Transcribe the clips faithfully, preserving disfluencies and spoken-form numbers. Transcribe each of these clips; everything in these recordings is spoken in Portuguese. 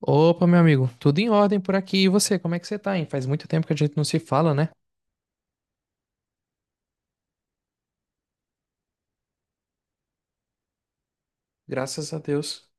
Opa, meu amigo, tudo em ordem por aqui. E você, como é que você tá, hein? Faz muito tempo que a gente não se fala, né? Graças a Deus.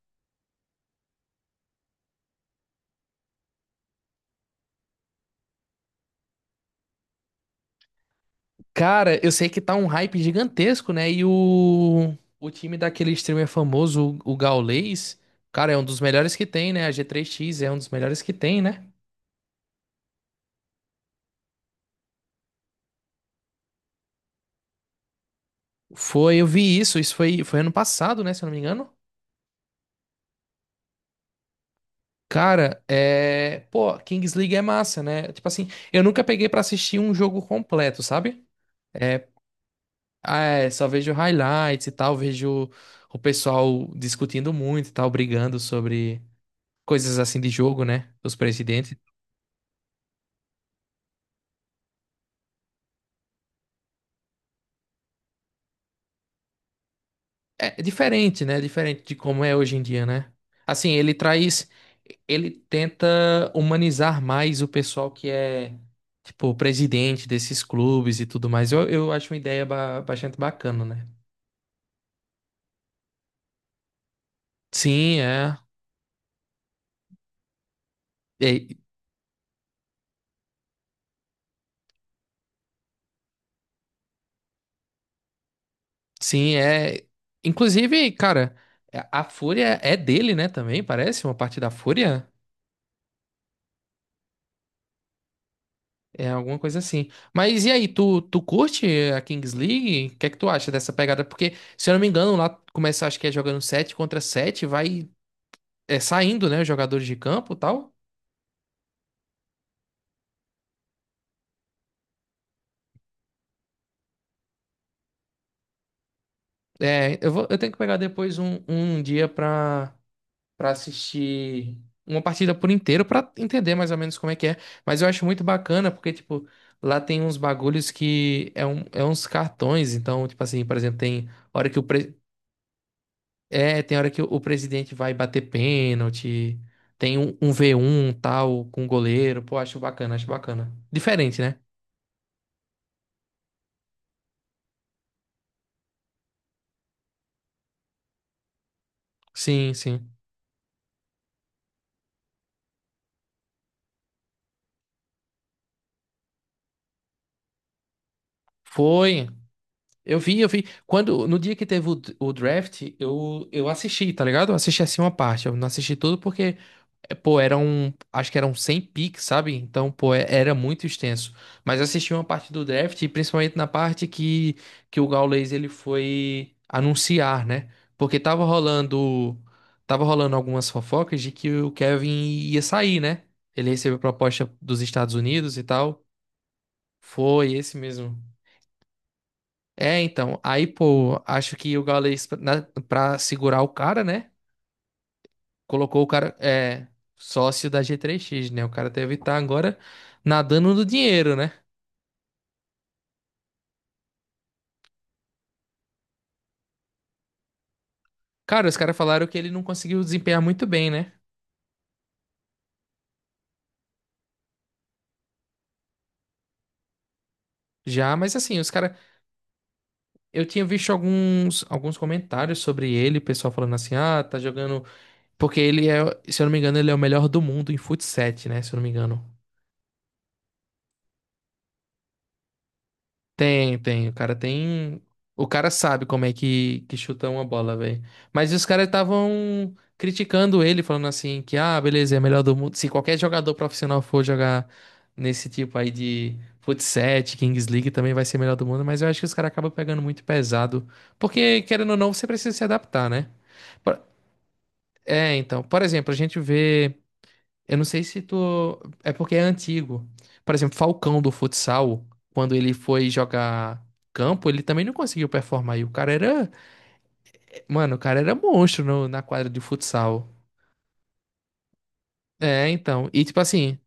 Cara, eu sei que tá um hype gigantesco, né? E o, o time daquele streamer famoso, o, o Gaules, cara, é um dos melhores que tem, né? A G três X é um dos melhores que tem, né? Foi, eu vi isso. Isso foi, foi ano passado, né? Se eu não me engano. Cara, é. Pô, Kings League é massa, né? Tipo assim, eu nunca peguei pra assistir um jogo completo, sabe? É, ah, é, só vejo highlights e tal, vejo o pessoal discutindo muito e tal, brigando sobre coisas assim de jogo, né? Os presidentes. É diferente, né? Diferente de como é hoje em dia, né? Assim, ele traz, ele tenta humanizar mais o pessoal que é, tipo, o presidente desses clubes e tudo mais. Eu, eu acho uma ideia ba- bastante bacana, né? Sim, é. Sim, é. Inclusive, cara, a a Fúria é dele, né? Também parece uma parte da Fúria. É alguma coisa assim. Mas e aí, tu, tu curte a Kings League? O que é que tu acha dessa pegada? Porque, se eu não me engano, lá começa, acho que é jogando sete contra sete vai é, saindo, né? Os jogadores de campo e tal. É, eu vou, eu tenho que pegar depois um, um dia pra, pra assistir uma partida por inteiro pra entender mais ou menos como é que é. Mas eu acho muito bacana porque, tipo, lá tem uns bagulhos que é, um, é uns cartões. Então, tipo assim, por exemplo, tem hora que o pre... é, tem hora que o presidente vai bater pênalti. Tem um, um v um tal com o goleiro. Pô, acho bacana, acho bacana. Diferente, né? Sim, sim. Foi. Eu vi, eu vi. Quando, no dia que teve o, o draft, eu, eu assisti, tá ligado? Eu assisti assim uma parte. Eu não assisti tudo porque É, pô, eram, acho que eram cem picks, sabe? Então, pô, é- era muito extenso. Mas assisti uma parte do draft, e principalmente na parte que, que o Gaules ele foi anunciar, né? Porque tava rolando, tava rolando algumas fofocas de que o Kevin ia sair, né? Ele recebeu proposta dos Estados Unidos e tal. Foi esse mesmo. É, então, aí, pô, acho que o Gaules, na- pra segurar o cara, né? Colocou o cara é sócio da G três X, né? O cara deve estar agora nadando no dinheiro, né? Cara, os caras falaram que ele não conseguiu desempenhar muito bem, né? Já, mas assim, os caras, eu tinha visto alguns alguns comentários sobre ele, o pessoal falando assim: "Ah, tá jogando porque ele é, se eu não me engano, ele é o melhor do mundo em fut sete, né? Se eu não me engano." Tem, tem. O cara tem. O cara sabe como é que, que chuta uma bola, velho. Mas os caras estavam criticando ele, falando assim que, ah, beleza, é melhor do mundo. Se qualquer jogador profissional for jogar nesse tipo aí de futsal, Kings League, também vai ser melhor do mundo. Mas eu acho que os caras acabam pegando muito pesado. Porque, querendo ou não, você precisa se adaptar, né? Por- É, então. Por exemplo, a gente vê. Eu não sei se tu. É porque é antigo. Por exemplo, Falcão do futsal, quando ele foi jogar campo, ele também não conseguiu performar. E o cara era. Mano, o cara era monstro no- na quadra de futsal. É, então. E tipo assim,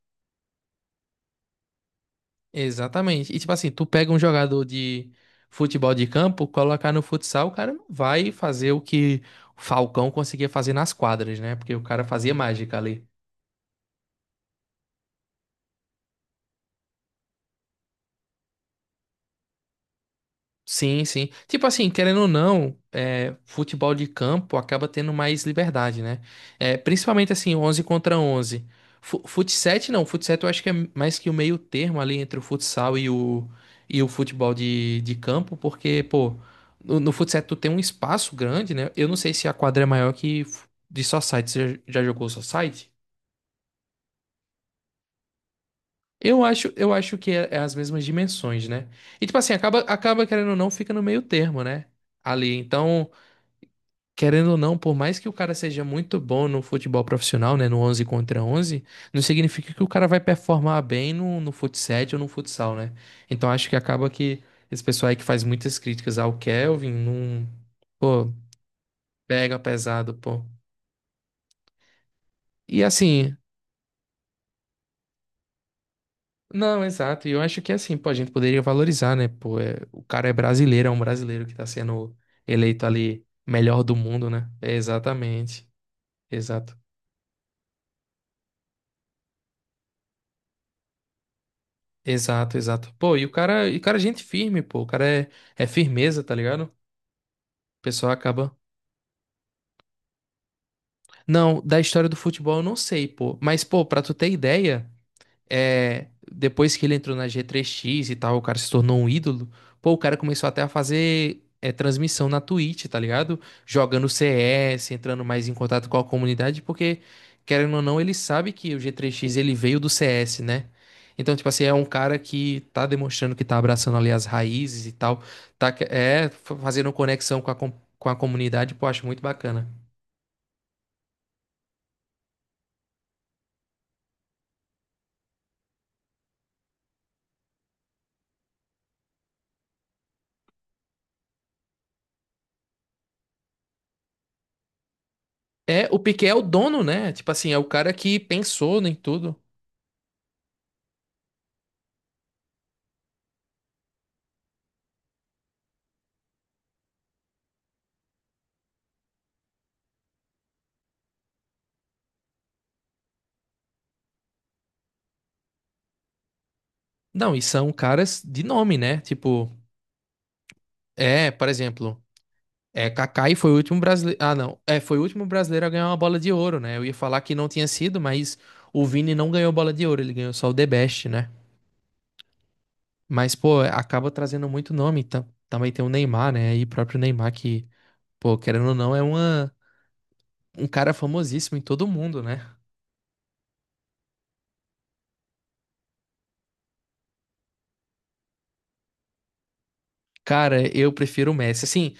exatamente. E tipo assim, tu pega um jogador de futebol de campo, colocar no futsal, o cara não vai fazer o que o Falcão conseguia fazer nas quadras, né? Porque o cara fazia mágica ali. Sim, sim. Tipo assim, querendo ou não, é, futebol de campo acaba tendo mais liberdade, né? É, principalmente assim, onze contra onze. Fu- Fut sete não, fut sete eu acho que é mais que o meio termo ali entre o futsal e o, e o futebol de, de campo, porque, pô, no, no fut sete tu tem um espaço grande, né? Eu não sei se a quadra é maior que fu- de society. Você já já jogou society? Eu acho, eu acho que é, é as mesmas dimensões, né? E tipo assim, acaba, acaba querendo ou não, fica no meio termo, né? Ali, então. Querendo ou não, por mais que o cara seja muito bom no futebol profissional, né, no onze contra onze, não significa que o cara vai performar bem no, no fut ou no futsal, né? Então acho que acaba que esse pessoal aí que faz muitas críticas ao Kelvin, não, pô, pega pesado, pô. E assim, não, exato, e eu acho que assim, pô, a gente poderia valorizar, né, pô, é- o cara é brasileiro, é um brasileiro que tá sendo eleito ali melhor do mundo, né? É, exatamente, exato. Exato, exato. Pô, e o cara, e o cara é gente firme, pô. O cara é, é firmeza, tá ligado? O pessoal acaba. Não, da história do futebol eu não sei, pô. Mas, pô, pra tu ter ideia. é, depois que ele entrou na G três X e tal, o cara se tornou um ídolo. Pô, o cara começou até a fazer é, transmissão na Twitch, tá ligado? Jogando C S, entrando mais em contato com a comunidade, porque, querendo ou não, ele sabe que o G três X ele veio do C S, né? Então, tipo assim, é um cara que tá demonstrando que tá abraçando ali as raízes e tal, tá que- é fa- fazendo conexão com a, com com a comunidade, pô, acho muito bacana. É, o Piquet é o dono, né? Tipo assim, é o cara que pensou em tudo. Não, e são caras de nome, né? Tipo, é, por exemplo, é, Kaká foi o último brasileiro. Ah, não. É, foi o último brasileiro a ganhar uma bola de ouro, né? Eu ia falar que não tinha sido, mas o Vini não ganhou bola de ouro, ele ganhou só o The Best, né? Mas, pô, acaba trazendo muito nome. Tam- Também tem o Neymar, né? E o próprio Neymar que, pô, querendo ou não, é uma, um cara famosíssimo em todo mundo, né? Cara, eu prefiro o Messi. Assim,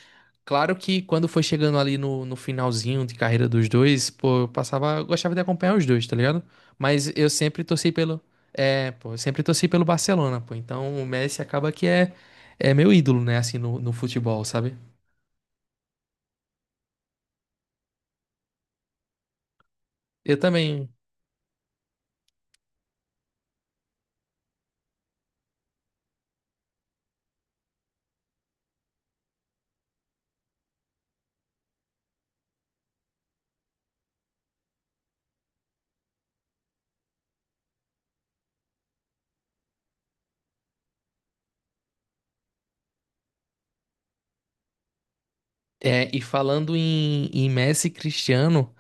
claro que quando foi chegando ali no, no finalzinho de carreira dos dois, pô, eu passava, eu gostava de acompanhar os dois, tá ligado? Mas eu sempre torci pelo, é, pô, eu sempre torci pelo Barcelona, pô. Então o Messi acaba que é, é meu ídolo, né, assim, no, no futebol, sabe? Eu também. É, e falando em, em Messi e Cristiano.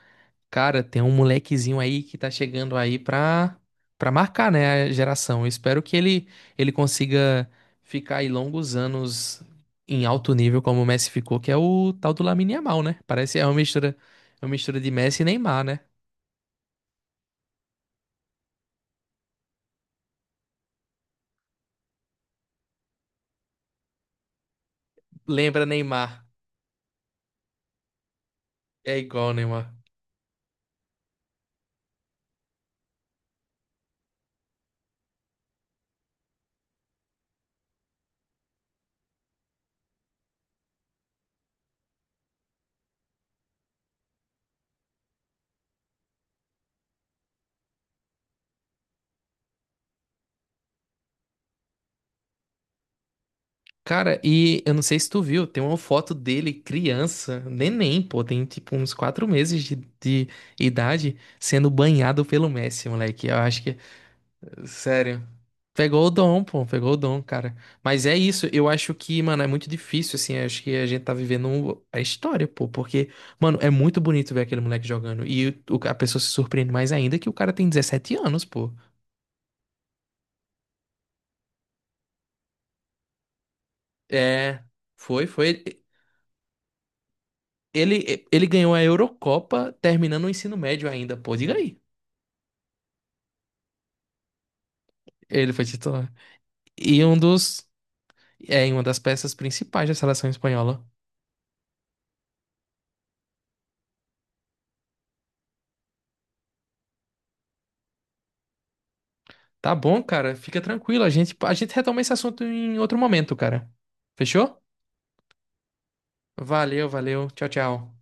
Cara, tem um molequezinho aí que tá chegando aí pra, pra marcar, né, a geração. Eu espero que ele, ele consiga ficar aí longos anos em alto nível como o Messi ficou, que é o tal do Lamine Yamal, né? Parece é uma mistura, é uma mistura de Messi e Neymar, né? Lembra Neymar. É igual Neymar. Cara, e eu não sei se tu viu, tem uma foto dele criança, neném, pô, tem tipo uns quatro meses de, de idade, sendo banhado pelo Messi, moleque. Eu acho que sério. Pegou o dom, pô, pegou o dom, cara. Mas é isso, eu acho que, mano, é muito difícil, assim, eu acho que a gente tá vivendo um- a história, pô, porque, mano, é muito bonito ver aquele moleque jogando. E o- a pessoa se surpreende mais ainda que o cara tem dezessete anos, pô. É, foi, foi. Ele, ele ganhou a Eurocopa terminando o ensino médio ainda, pô, diga aí. Ele foi titular. E um dos, é, em uma das peças principais da seleção espanhola. Tá bom, cara. Fica tranquilo. A gente, a gente retoma esse assunto em outro momento, cara. Fechou? Valeu, valeu. Tchau, tchau.